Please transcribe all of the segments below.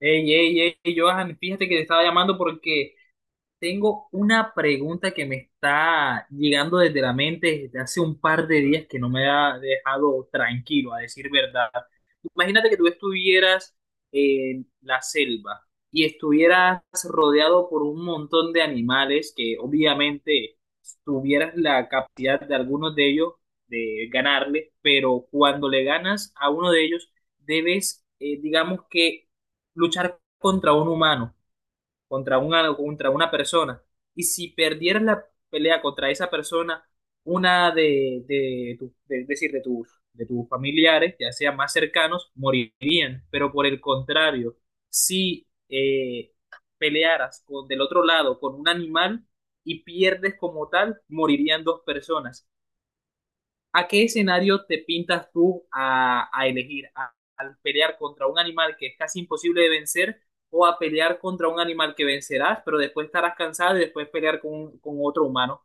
Ey, ey, ey, Johan, fíjate que te estaba llamando porque tengo una pregunta que me está llegando desde la mente desde hace un par de días que no me ha dejado tranquilo, a decir verdad. Imagínate que tú estuvieras en la selva y estuvieras rodeado por un montón de animales que obviamente tuvieras la capacidad de algunos de ellos de ganarle, pero cuando le ganas a uno de ellos debes, digamos que luchar contra un humano, contra una persona. Y si perdieras la pelea contra esa persona, una de es decir, de tus familiares, ya sea más cercanos, morirían. Pero por el contrario, si pelearas con, del otro lado, con un animal y pierdes como tal, morirían dos personas. ¿A qué escenario te pintas tú a elegir? ¿A, ¿Al pelear contra un animal que es casi imposible de vencer, o a pelear contra un animal que vencerás, pero después estarás cansado y después pelear con otro humano?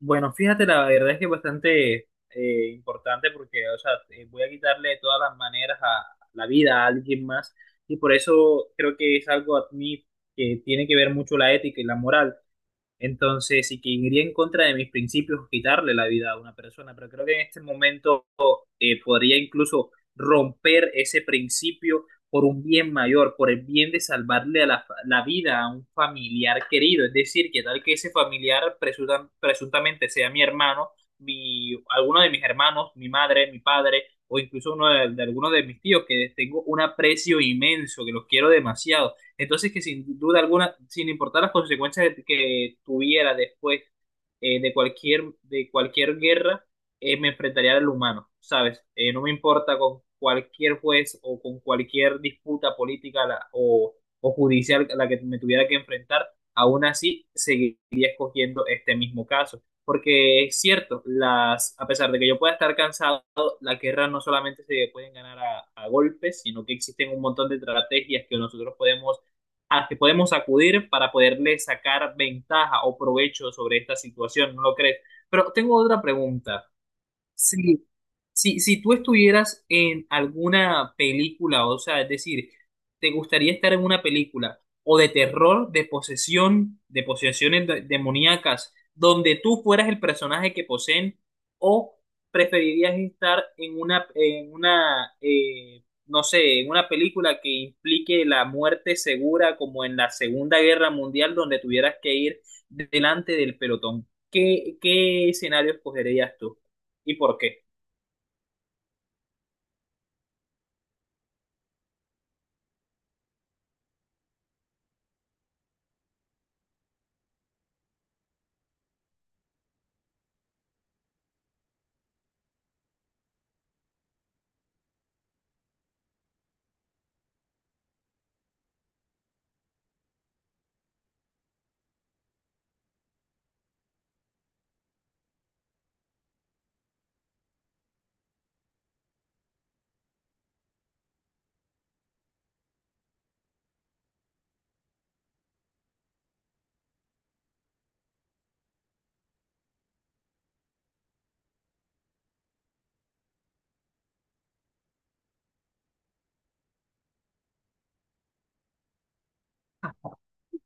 Bueno, fíjate, la verdad es que es bastante importante porque, o sea, voy a quitarle de todas las maneras a la vida a alguien más, y por eso creo que es algo a mí que tiene que ver mucho la ética y la moral. Entonces, y que iría en contra de mis principios quitarle la vida a una persona, pero creo que en este momento podría incluso romper ese principio por un bien mayor, por el bien de salvarle a la, la vida a un familiar querido. Es decir, que tal que ese familiar presuntamente sea mi hermano, mi, alguno de mis hermanos, mi madre, mi padre, o incluso uno de alguno de mis tíos, que tengo un aprecio inmenso, que los quiero demasiado. Entonces, que sin duda alguna, sin importar las consecuencias que tuviera después de cualquier guerra, me enfrentaría al humano, ¿sabes? No me importa con cualquier juez o con cualquier disputa política o judicial a la que me tuviera que enfrentar, aún así seguiría escogiendo este mismo caso. Porque es cierto, las, a pesar de que yo pueda estar cansado, las guerras no solamente se pueden ganar a golpes, sino que existen un montón de estrategias que nosotros podemos, a las que podemos acudir para poderle sacar ventaja o provecho sobre esta situación, ¿no lo crees? Pero tengo otra pregunta. Sí, si, si tú estuvieras en alguna película, o sea, es decir, te gustaría estar en una película o de terror, de posesión, de posesiones demoníacas, donde tú fueras el personaje que poseen, o preferirías estar en una, no sé, en una película que implique la muerte segura, como en la Segunda Guerra Mundial, donde tuvieras que ir delante del pelotón. ¿Qué, qué escenario escogerías tú y por qué?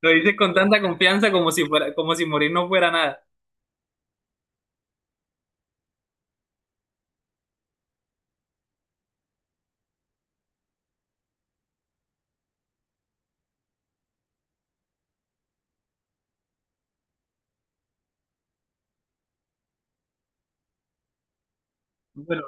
Lo dices con tanta confianza como si fuera, como si morir no fuera nada. Bueno,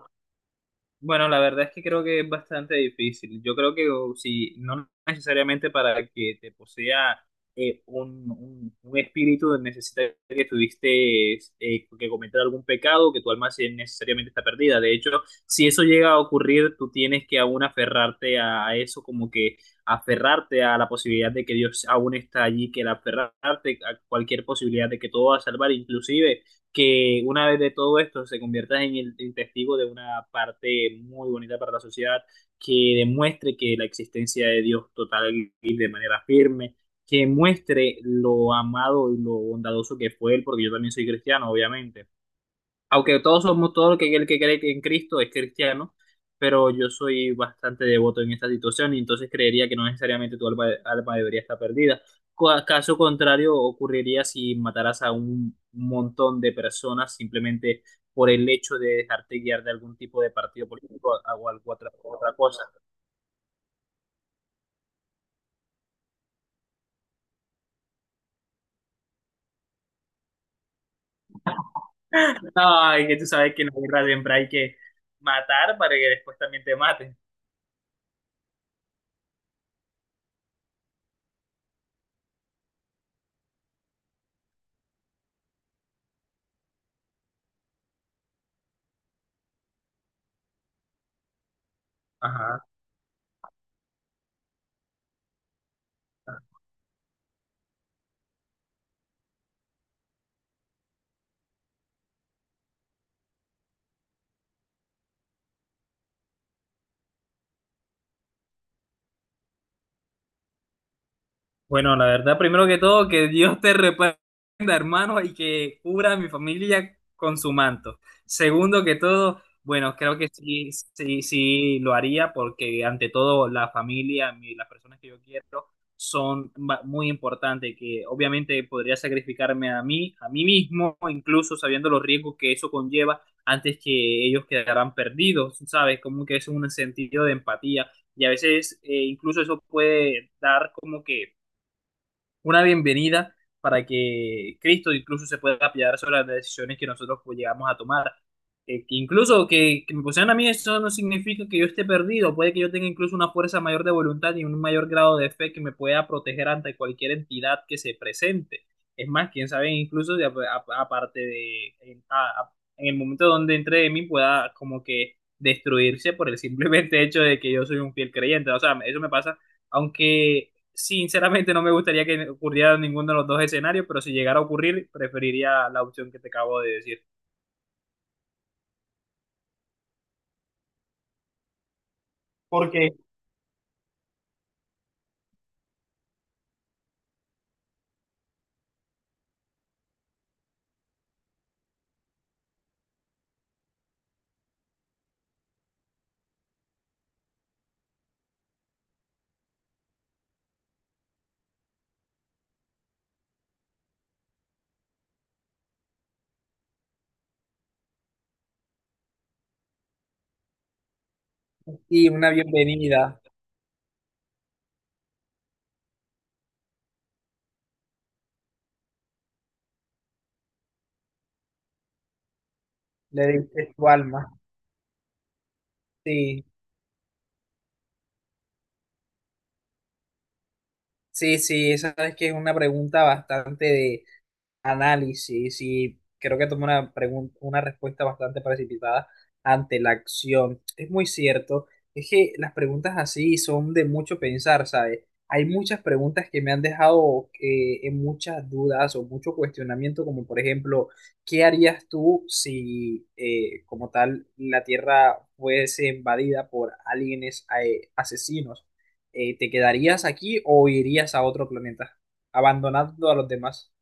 bueno, la verdad es que creo que es bastante difícil. Yo creo que o, si no necesariamente para que te posea un espíritu, necesita que tuviste que cometer algún pecado, que tu alma sí necesariamente está perdida. De hecho, si eso llega a ocurrir, tú tienes que aún aferrarte a eso, como que aferrarte a la posibilidad de que Dios aún está allí, que el aferrarte a cualquier posibilidad de que todo va a salvar, inclusive que una vez de todo esto se convierta en el en testigo de una parte muy bonita para la sociedad, que demuestre que la existencia de Dios total y de manera firme, que muestre lo amado y lo bondadoso que fue Él, porque yo también soy cristiano, obviamente, aunque todos somos, todo el que cree en Cristo es cristiano, pero yo soy bastante devoto en esta situación, y entonces creería que no necesariamente tu alma debería estar perdida. Caso contrario, ocurriría si mataras a un montón de personas simplemente por el hecho de dejarte guiar de algún tipo de partido político o alguna otra, otra cosa. Ay, que tú sabes que en la guerra siempre hay que matar para que después también te maten. Ajá. Bueno, la verdad, primero que todo, que Dios te reprenda, hermano, y que cubra a mi familia con su manto. Segundo que todo, bueno, creo que sí, sí, sí lo haría, porque ante todo la familia, las personas que yo quiero son muy importantes, que obviamente podría sacrificarme a mí mismo, incluso sabiendo los riesgos que eso conlleva, antes que ellos quedarán perdidos, ¿sabes? Como que es un sentido de empatía. Y a veces incluso eso puede dar como que una bienvenida para que Cristo incluso se pueda apoyar sobre las decisiones que nosotros, pues, llegamos a tomar. Que incluso que me pusieran a mí eso no significa que yo esté perdido, puede que yo tenga incluso una fuerza mayor de voluntad y un mayor grado de fe que me pueda proteger ante cualquier entidad que se presente. Es más, quién sabe, incluso aparte de, en el momento donde entre de mí pueda como que destruirse por el simplemente hecho de que yo soy un fiel creyente. O sea, eso me pasa, aunque sinceramente no me gustaría que ocurriera ninguno de los dos escenarios, pero si llegara a ocurrir, preferiría la opción que te acabo de decir. Porque sí, una bienvenida, le diste tu alma. Sí, sí, sí, esa es que es una pregunta bastante de análisis, y creo que tomó una pregunta, una respuesta bastante precipitada ante la acción. Es muy cierto, es que las preguntas así son de mucho pensar, ¿sabes? Hay muchas preguntas que me han dejado en muchas dudas o mucho cuestionamiento, como por ejemplo, ¿qué harías tú si como tal la Tierra fuese invadida por aliens, asesinos? ¿Te quedarías aquí o irías a otro planeta, abandonando a los demás?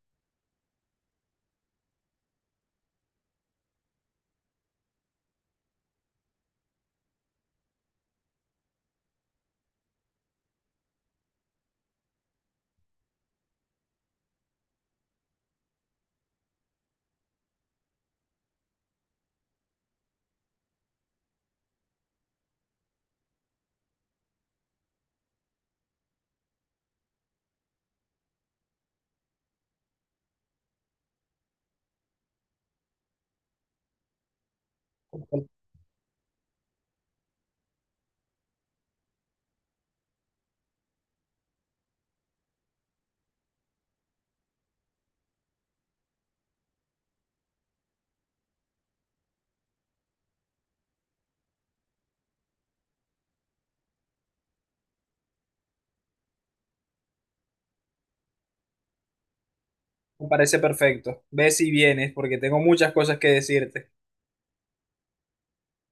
Me parece perfecto. Ve si vienes, porque tengo muchas cosas que decirte.